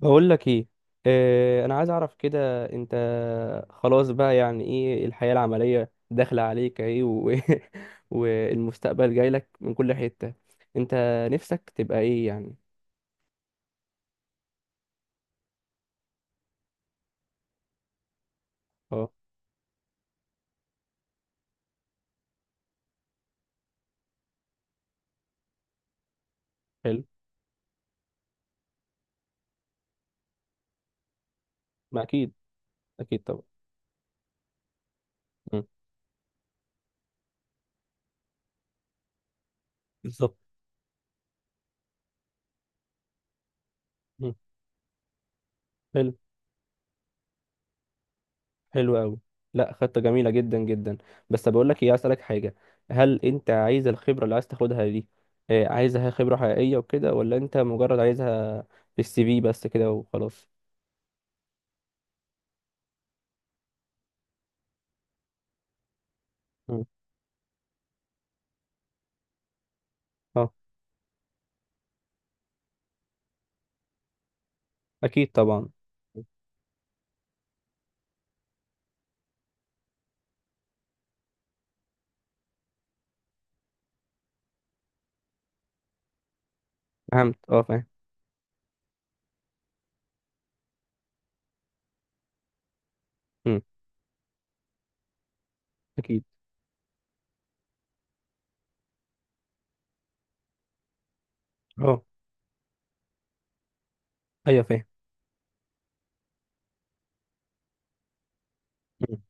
بقول لك ايه. انا عايز اعرف كده انت خلاص بقى يعني ايه الحياة العملية داخلة عليك اهي والمستقبل جاي لك من كل حتة. انت نفسك تبقى ايه يعني. اه. حلو. ما اكيد. اكيد طبعا. مم. بالظبط. مم. حلو. حلو قوي. لا، خطة جميلة جدا جدا. بس بقول لك ايه، عايز اسالك حاجة. هل انت عايز الخبرة اللي عايز تاخدها دي، عايزها خبرة حقيقية وكده، ولا انت مجرد عايزها في السي في بس كده وخلاص. مم. اه. اكيد طبعا. فهمت، اه فاهم. امم. اكيد. اه ايوه فاهم. مم.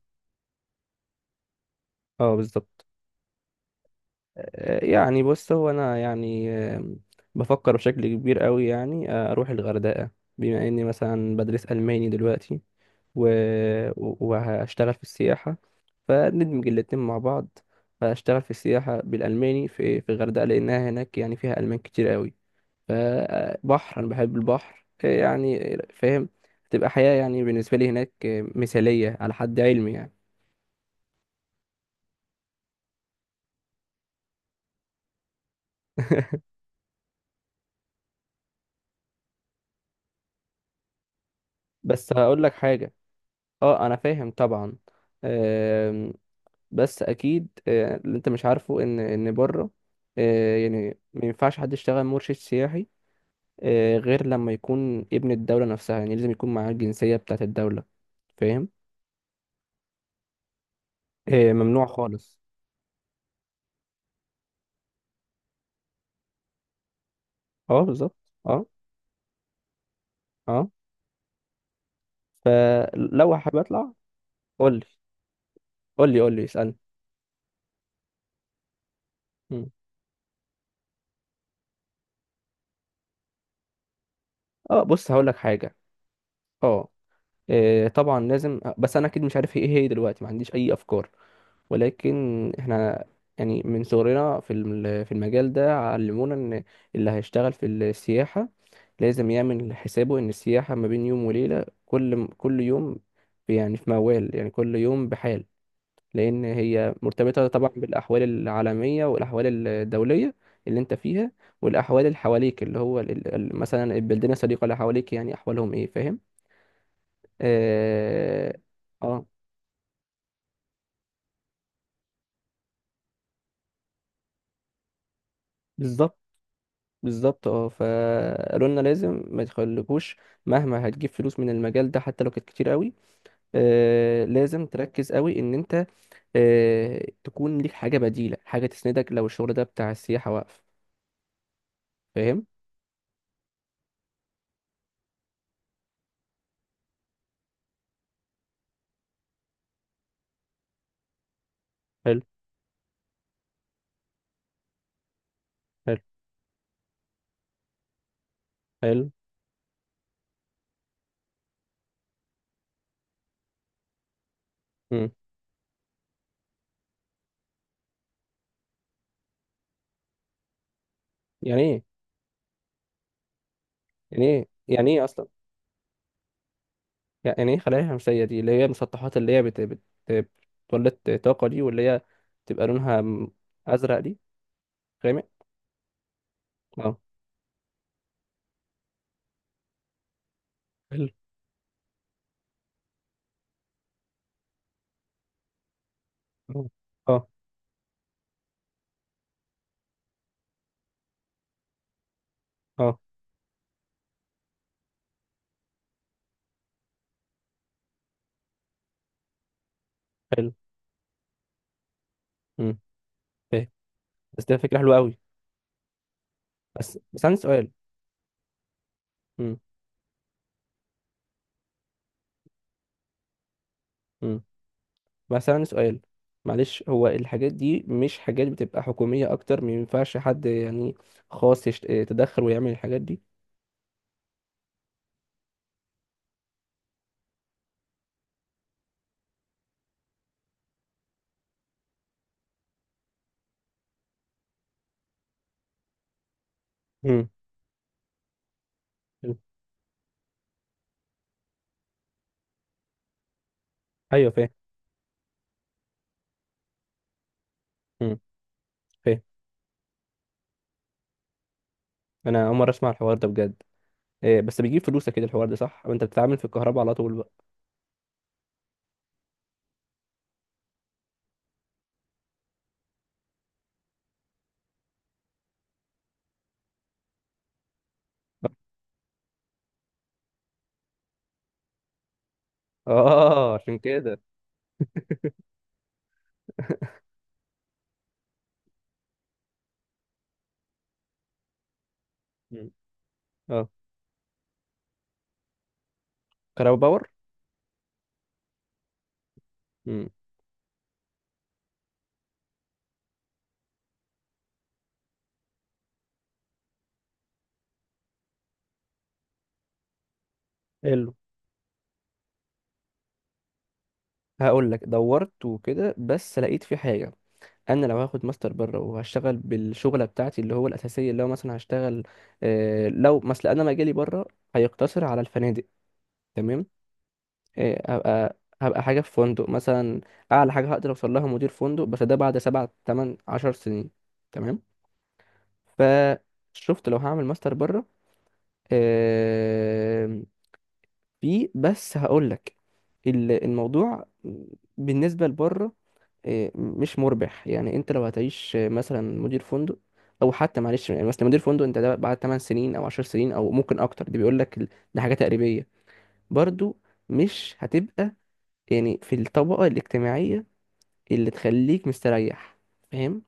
اه بالظبط. يعني بص هو انا يعني، آم، بفكر بشكل كبير قوي، يعني اروح الغردقه، بما اني مثلا بدرس الماني دلوقتي و... وهشتغل في السياحه، فندمج الاتنين مع بعض. فاشتغل في السياحه بالالماني في الغردقه، لانها هناك يعني فيها المان كتير قوي. فبحر، انا بحب البحر يعني، فاهم. تبقى حياة يعني بالنسبة لي هناك مثالية على حد علمي يعني. بس هقول لك حاجة. اه انا فاهم طبعا. آم، بس اكيد اللي انت مش عارفه ان بره يعني ما ينفعش حد يشتغل مرشد سياحي غير لما يكون ابن الدولة نفسها. يعني لازم يكون معاه الجنسية بتاعت الدولة، فاهم. ممنوع خالص. اه بالظبط. اه. اه. فلو حابب اطلع قول لي. قول لي اسألني. مم. اه بص هقول لك حاجة. اه إيه، طبعا لازم بس انا اكيد مش عارف ايه هي دلوقتي، ما عنديش اي افكار. ولكن احنا يعني من صغرنا في في المجال ده علمونا ان اللي هيشتغل في السياحة لازم يعمل حسابه ان السياحة ما بين يوم وليلة، كل يوم يعني في موال، يعني كل يوم بحال. لأن هي مرتبطة طبعا بالأحوال العالمية والأحوال الدولية اللي أنت فيها، والأحوال اللي حواليك، اللي هو مثلا البلدان الصديقة اللي حواليك يعني أحوالهم إيه، فاهم؟ آه, آه بالظبط. بالظبط اه. فقالوا لنا لازم ما تخليكوش مهما هتجيب فلوس من المجال ده، حتى لو كانت كتير قوي، لازم تركز قوي ان انت تكون ليك حاجة بديلة، حاجة تسندك لو الشغل ده بتاع السياحة واقف، فاهم. حلو. حلو. حلو. مم. يعني ايه. يعني ايه اصلا. يعني ايه خلايا شمسيه دي، اللي هي المسطحات اللي هي بتولد طاقه دي، واللي هي تبقى لونها ازرق دي، غامق. اه. حلو. اه. اه. آه. حلو. امم. فاهم. بس ده فكره حلوه قوي. بس بس عندي سؤال. امم. امم. بس عندي سؤال، معلش. هو الحاجات دي مش حاجات بتبقى حكوميه اكتر؟ ما ينفعش حد يعني خاص يتدخل ويعمل الحاجات دي؟ امم. حلو. ايوه فاهم. امم. فاهم. انا اول مره اسمع الحوار ده بجد. إيه بس بيجيب فلوس كده الحوار ده، صح؟ وانت بتتعامل في الكهرباء على طول بقى. اه عشان كده. مم. اه كهرباء باور. مم. حلو. هقول لك دورت وكده بس لقيت في حاجه. انا لو هاخد ماستر بره وهشتغل بالشغله بتاعتي اللي هو الاساسيه، اللي هو مثلا هشتغل لو مثلا انا مجالي بره هيقتصر على الفنادق، تمام. هبقى حاجه في فندق مثلا. اعلى حاجه هقدر اوصل لها مدير فندق، بس ده بعد سبع تمن عشر سنين، تمام. فشفت لو هعمل ماستر بره، آم، في بس هقول لك، الموضوع بالنسبة لبره مش مربح. يعني انت لو هتعيش مثلا مدير فندق، او حتى معلش يعني مثلا مدير فندق انت ده بعد 8 سنين او 10 سنين او ممكن اكتر، دي بيقول لك ده حاجة تقريبية برضو. مش هتبقى يعني في الطبقة الاجتماعية اللي تخليك مستريح، فاهم.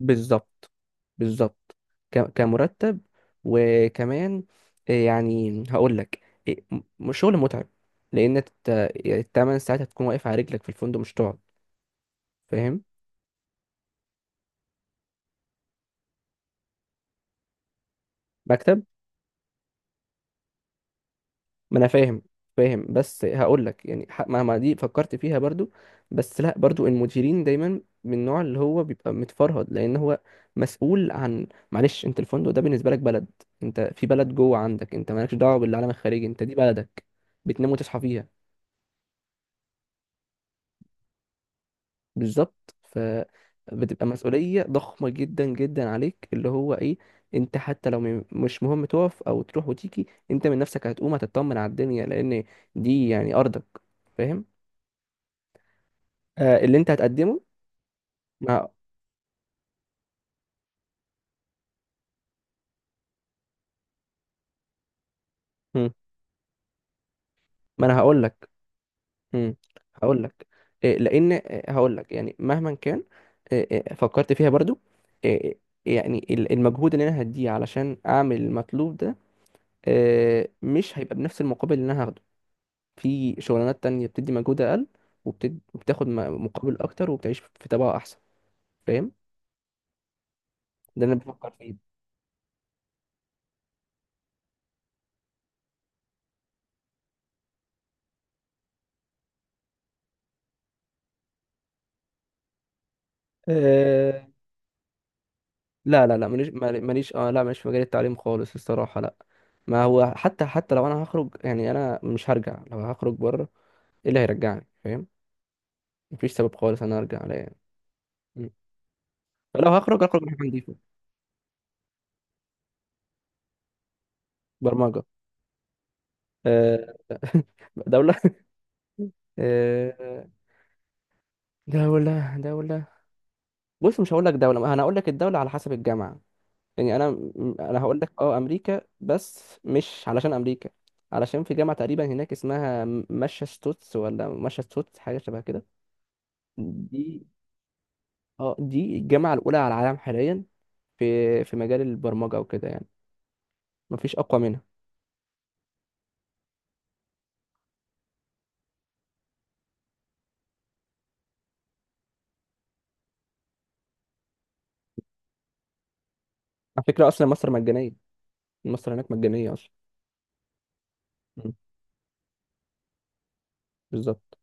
بالظبط. بالظبط. كمرتب، وكمان إيه يعني هقول لك، إيه، شغل متعب. لان التمن ساعات هتكون واقف على رجلك في الفندق، مش تقعد، فاهم. مكتب. ما انا فاهم. فاهم بس هقول لك يعني، مهما دي فكرت فيها برضو، بس لا، برضو المديرين دايما من النوع اللي هو بيبقى متفرهد، لان هو مسؤول عن، معلش انت الفندق ده بالنسبه لك بلد، انت في بلد جوه، عندك انت مالكش دعوه بالعالم الخارجي، انت دي بلدك بتنام وتصحى فيها. بالظبط. فبتبقى مسؤولية ضخمة جدا جدا عليك، اللي هو ايه، انت حتى لو مش مهم تقف او تروح وتيجي، انت من نفسك هتقوم هتطمن على الدنيا، لان دي يعني ارضك، فاهم. آه اللي انت هتقدمه. ما, مم. ما انا هقول لك، هقول لك إيه، لان هقول لك يعني مهما كان آه، فكرت فيها برضو، آه، يعني المجهود اللي انا هديه علشان اعمل المطلوب ده مش هيبقى بنفس المقابل اللي انا هاخده في شغلانات تانية، بتدي مجهود أقل وبتاخد مقابل أكتر وبتعيش في طبقة أحسن، فاهم. ده اللي أنا بفكر فيه. أه... لا لا لا، ماليش مال- ماليش اه لا ماليش في مجال التعليم خالص، الصراحة لا. ما هو حتى، حتى لو أنا هخرج يعني أنا مش هرجع. لو هخرج بره إيه اللي هيرجعني، فاهم. مفيش سبب خالص أنا أرجع لا، يعني م. فلو هخرج هخرج من حاجة نضيفة. برمجة. أه... دولة. آه، دولة. بص مش هقول لك دولة، أنا هقول لك الدولة على حسب الجامعة. يعني انا انا هقول لك اه امريكا، بس مش علشان امريكا، علشان في جامعه تقريبا هناك اسمها ماشاتشوتس، ولا ماشاتشوتس حاجه شبه كده، دي اه دي الجامعه الاولى على العالم حاليا في في مجال البرمجه وكده يعني، مفيش اقوى منها. على فكره اصلا مصر مجانيه، مصر هناك مجانيه اصلا. مم. بالظبط.